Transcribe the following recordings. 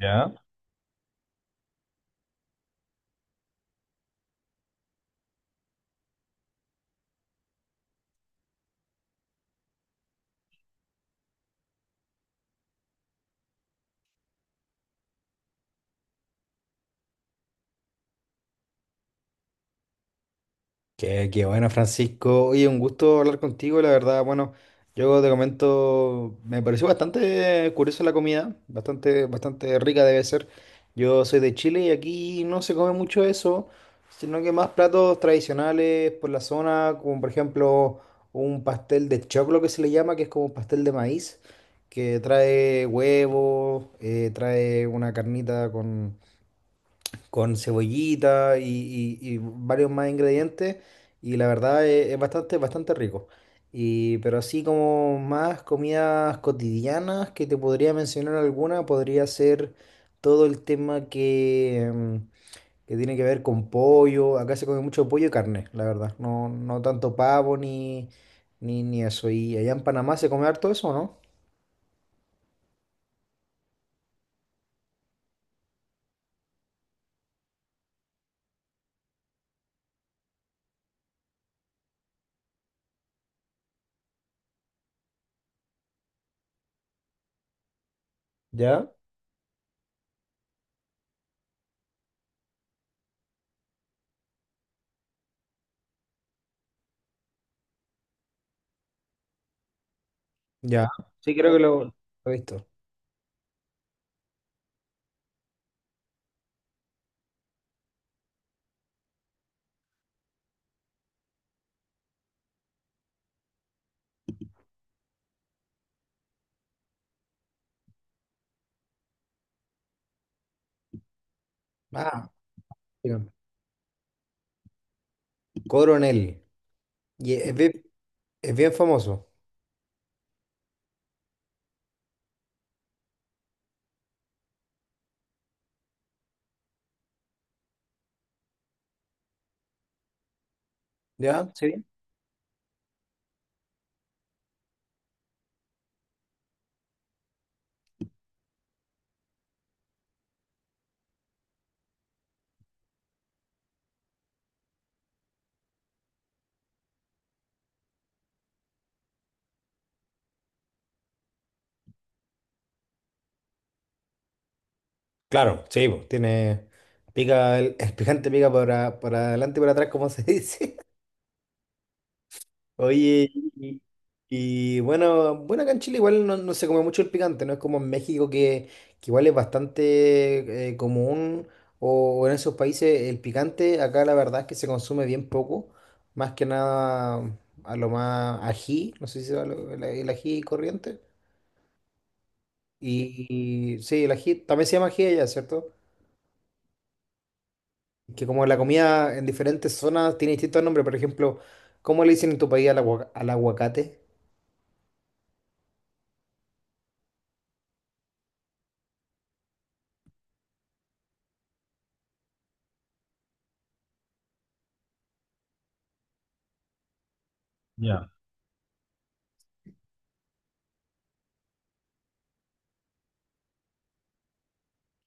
¿Ya? Qué bueno, Francisco. Oye, un gusto hablar contigo, la verdad. Bueno, yo te comento, me pareció bastante curiosa la comida, bastante, bastante rica debe ser. Yo soy de Chile y aquí no se come mucho eso, sino que más platos tradicionales por la zona, como por ejemplo un pastel de choclo que se le llama, que es como un pastel de maíz, que trae huevo, trae una carnita con cebollita y varios más ingredientes y la verdad es bastante, bastante rico. Y, pero así como más comidas cotidianas que te podría mencionar alguna, podría ser todo el tema que tiene que ver con pollo. Acá se come mucho pollo y carne, la verdad. No, no tanto pavo ni eso. Y allá en Panamá se come harto eso, ¿no? ¿Ya? Ya. Sí, creo que lo he visto. Ah, bien. Coronel. Y es, Es bien famoso, ¿ya? ¿Sí? Claro, sí, po, tiene, pica, el, el picante pica para adelante y para atrás, como se dice. Oye, y, y bueno, bueno, acá en Chile igual no, no se come mucho el picante, no es como en México que igual es bastante común, o en esos países el picante, acá la verdad es que se consume bien poco, más que nada a lo más ají, no sé si se llama lo- el ají corriente. Y sí, el ají también se llama ají allá, ¿cierto? Que como la comida en diferentes zonas tiene distintos nombres, por ejemplo, ¿cómo le dicen en tu país al, agua- al aguacate? Ya.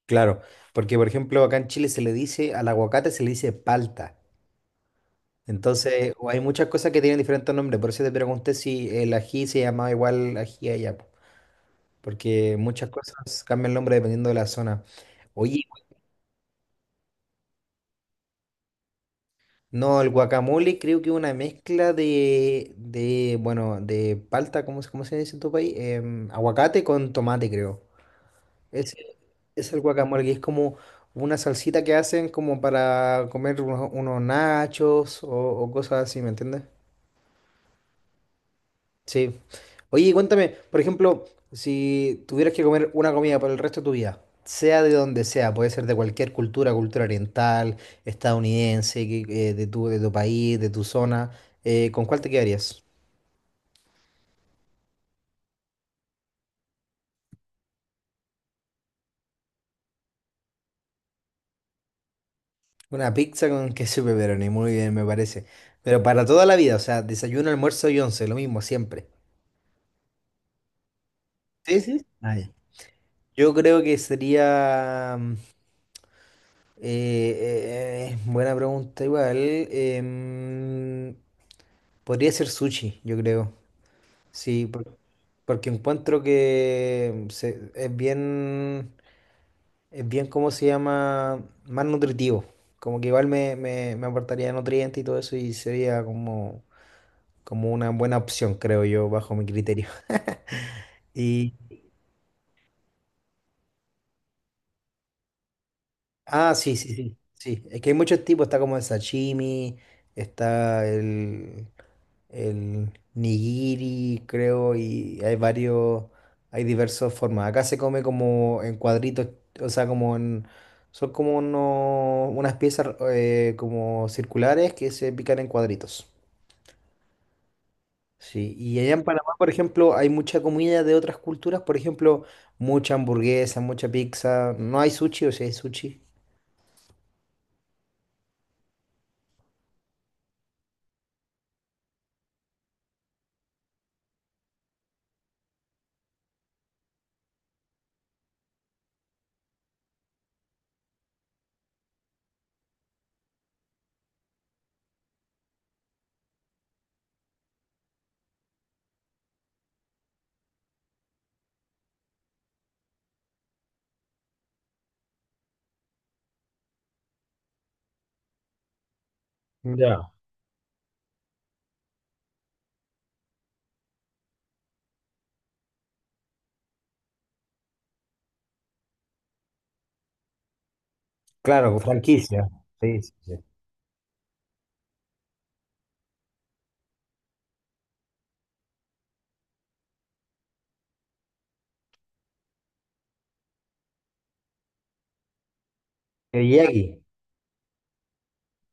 Claro, porque por ejemplo acá en Chile se le dice, al aguacate se le dice palta. Entonces, o hay muchas cosas que tienen diferentes nombres, por eso te pregunté si el ají se llamaba igual ají allá, po, porque muchas cosas cambian el nombre dependiendo de la zona. Oye, no, el guacamole creo que es una mezcla bueno, de palta, cómo se dice en tu país? Em, aguacate con tomate, creo. Es, es el guacamole, que es como una salsita que hacen como para comer unos nachos o cosas así, ¿me entiendes? Sí. Oye, y cuéntame, por ejemplo, si tuvieras que comer una comida por el resto de tu vida, sea de donde sea, puede ser de cualquier cultura, cultura oriental, estadounidense, que- de tu país, de tu zona, ¿con cuál te quedarías? Una pizza con queso y pepperoni, muy bien, me parece. Pero para toda la vida, o sea, desayuno, almuerzo y once, lo mismo, siempre. Sí, sí. Ah, ya. Yo creo que sería... buena pregunta igual. Podría ser sushi, yo creo. Sí, porque encuentro es bien, ¿cómo se llama? Más nutritivo. Como que igual me aportaría nutrientes y todo eso y sería como, como una buena opción, creo yo, bajo mi criterio. Y, ah, sí, sí, sí, sí. Es que hay muchos tipos, está como el sashimi, está el nigiri, creo, y hay varios, hay diversas formas. Acá se come como en cuadritos, o sea, como en, son como uno- unas piezas como circulares que se pican en cuadritos. Sí, y allá en Panamá, por ejemplo, hay mucha comida de otras culturas, por ejemplo, mucha hamburguesa, mucha pizza. No hay sushi, o sea, hay sushi. Ya. Claro, con franquicia. Sí, sí, sí. Teriyaki.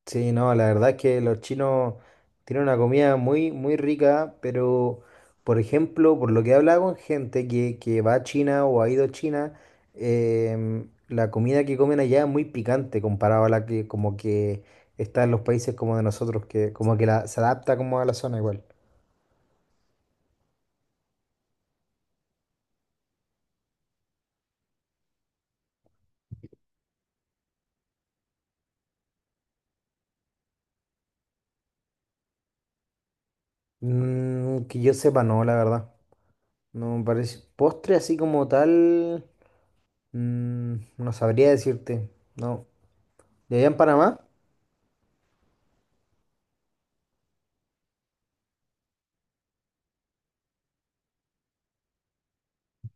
Sí, no, la verdad es que los chinos tienen una comida muy, muy rica, pero, por ejemplo, por lo que he hablado con gente que va a China o ha ido a China, em, la comida que comen allá es muy picante comparado a la que como que está en los países como de nosotros, que como que la, se adapta como a la zona igual. Que yo sepa, no, la verdad. No me parece. Postre así como tal, no sabría decirte. No. ¿De allá en Panamá?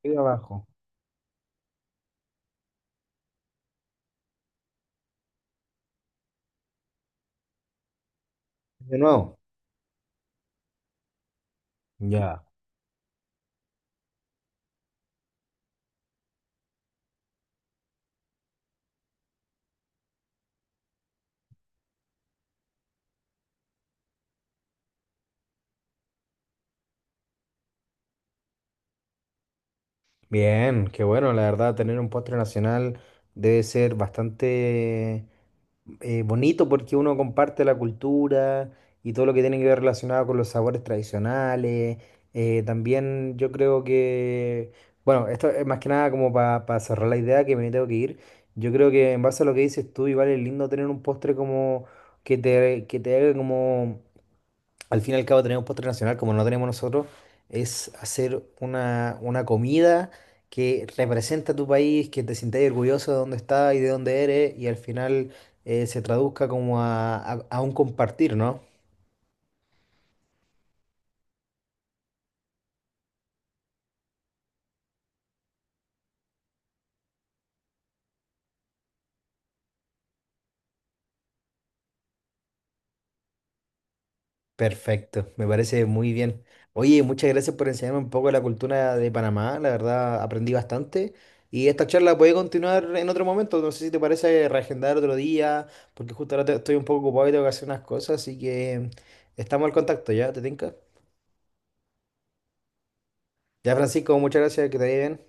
Y de abajo. De nuevo. Ya. Bien, qué bueno, la verdad, tener un postre nacional debe ser bastante bonito porque uno comparte la cultura y todo lo que tiene que ver relacionado con los sabores tradicionales. También yo creo que, bueno, esto es más que nada como para cerrar la idea que me tengo que ir. Yo creo que en base a lo que dices tú, igual es lindo tener un postre como que te haga como al fin y al cabo tenemos postre nacional, como no tenemos nosotros, es hacer una comida que representa tu país, que te sientas orgulloso de dónde estás y de dónde eres, y al final se traduzca como a un compartir, ¿no? Perfecto, me parece muy bien. Oye, muchas gracias por enseñarme un poco de la cultura de Panamá, la verdad aprendí bastante y esta charla puede continuar en otro momento, no sé si te parece reagendar otro día, porque justo ahora estoy un poco ocupado y tengo que hacer unas cosas, así que estamos al contacto, ¿ya? ¿Te tinca? Ya, Francisco, muchas gracias, que te vaya bien.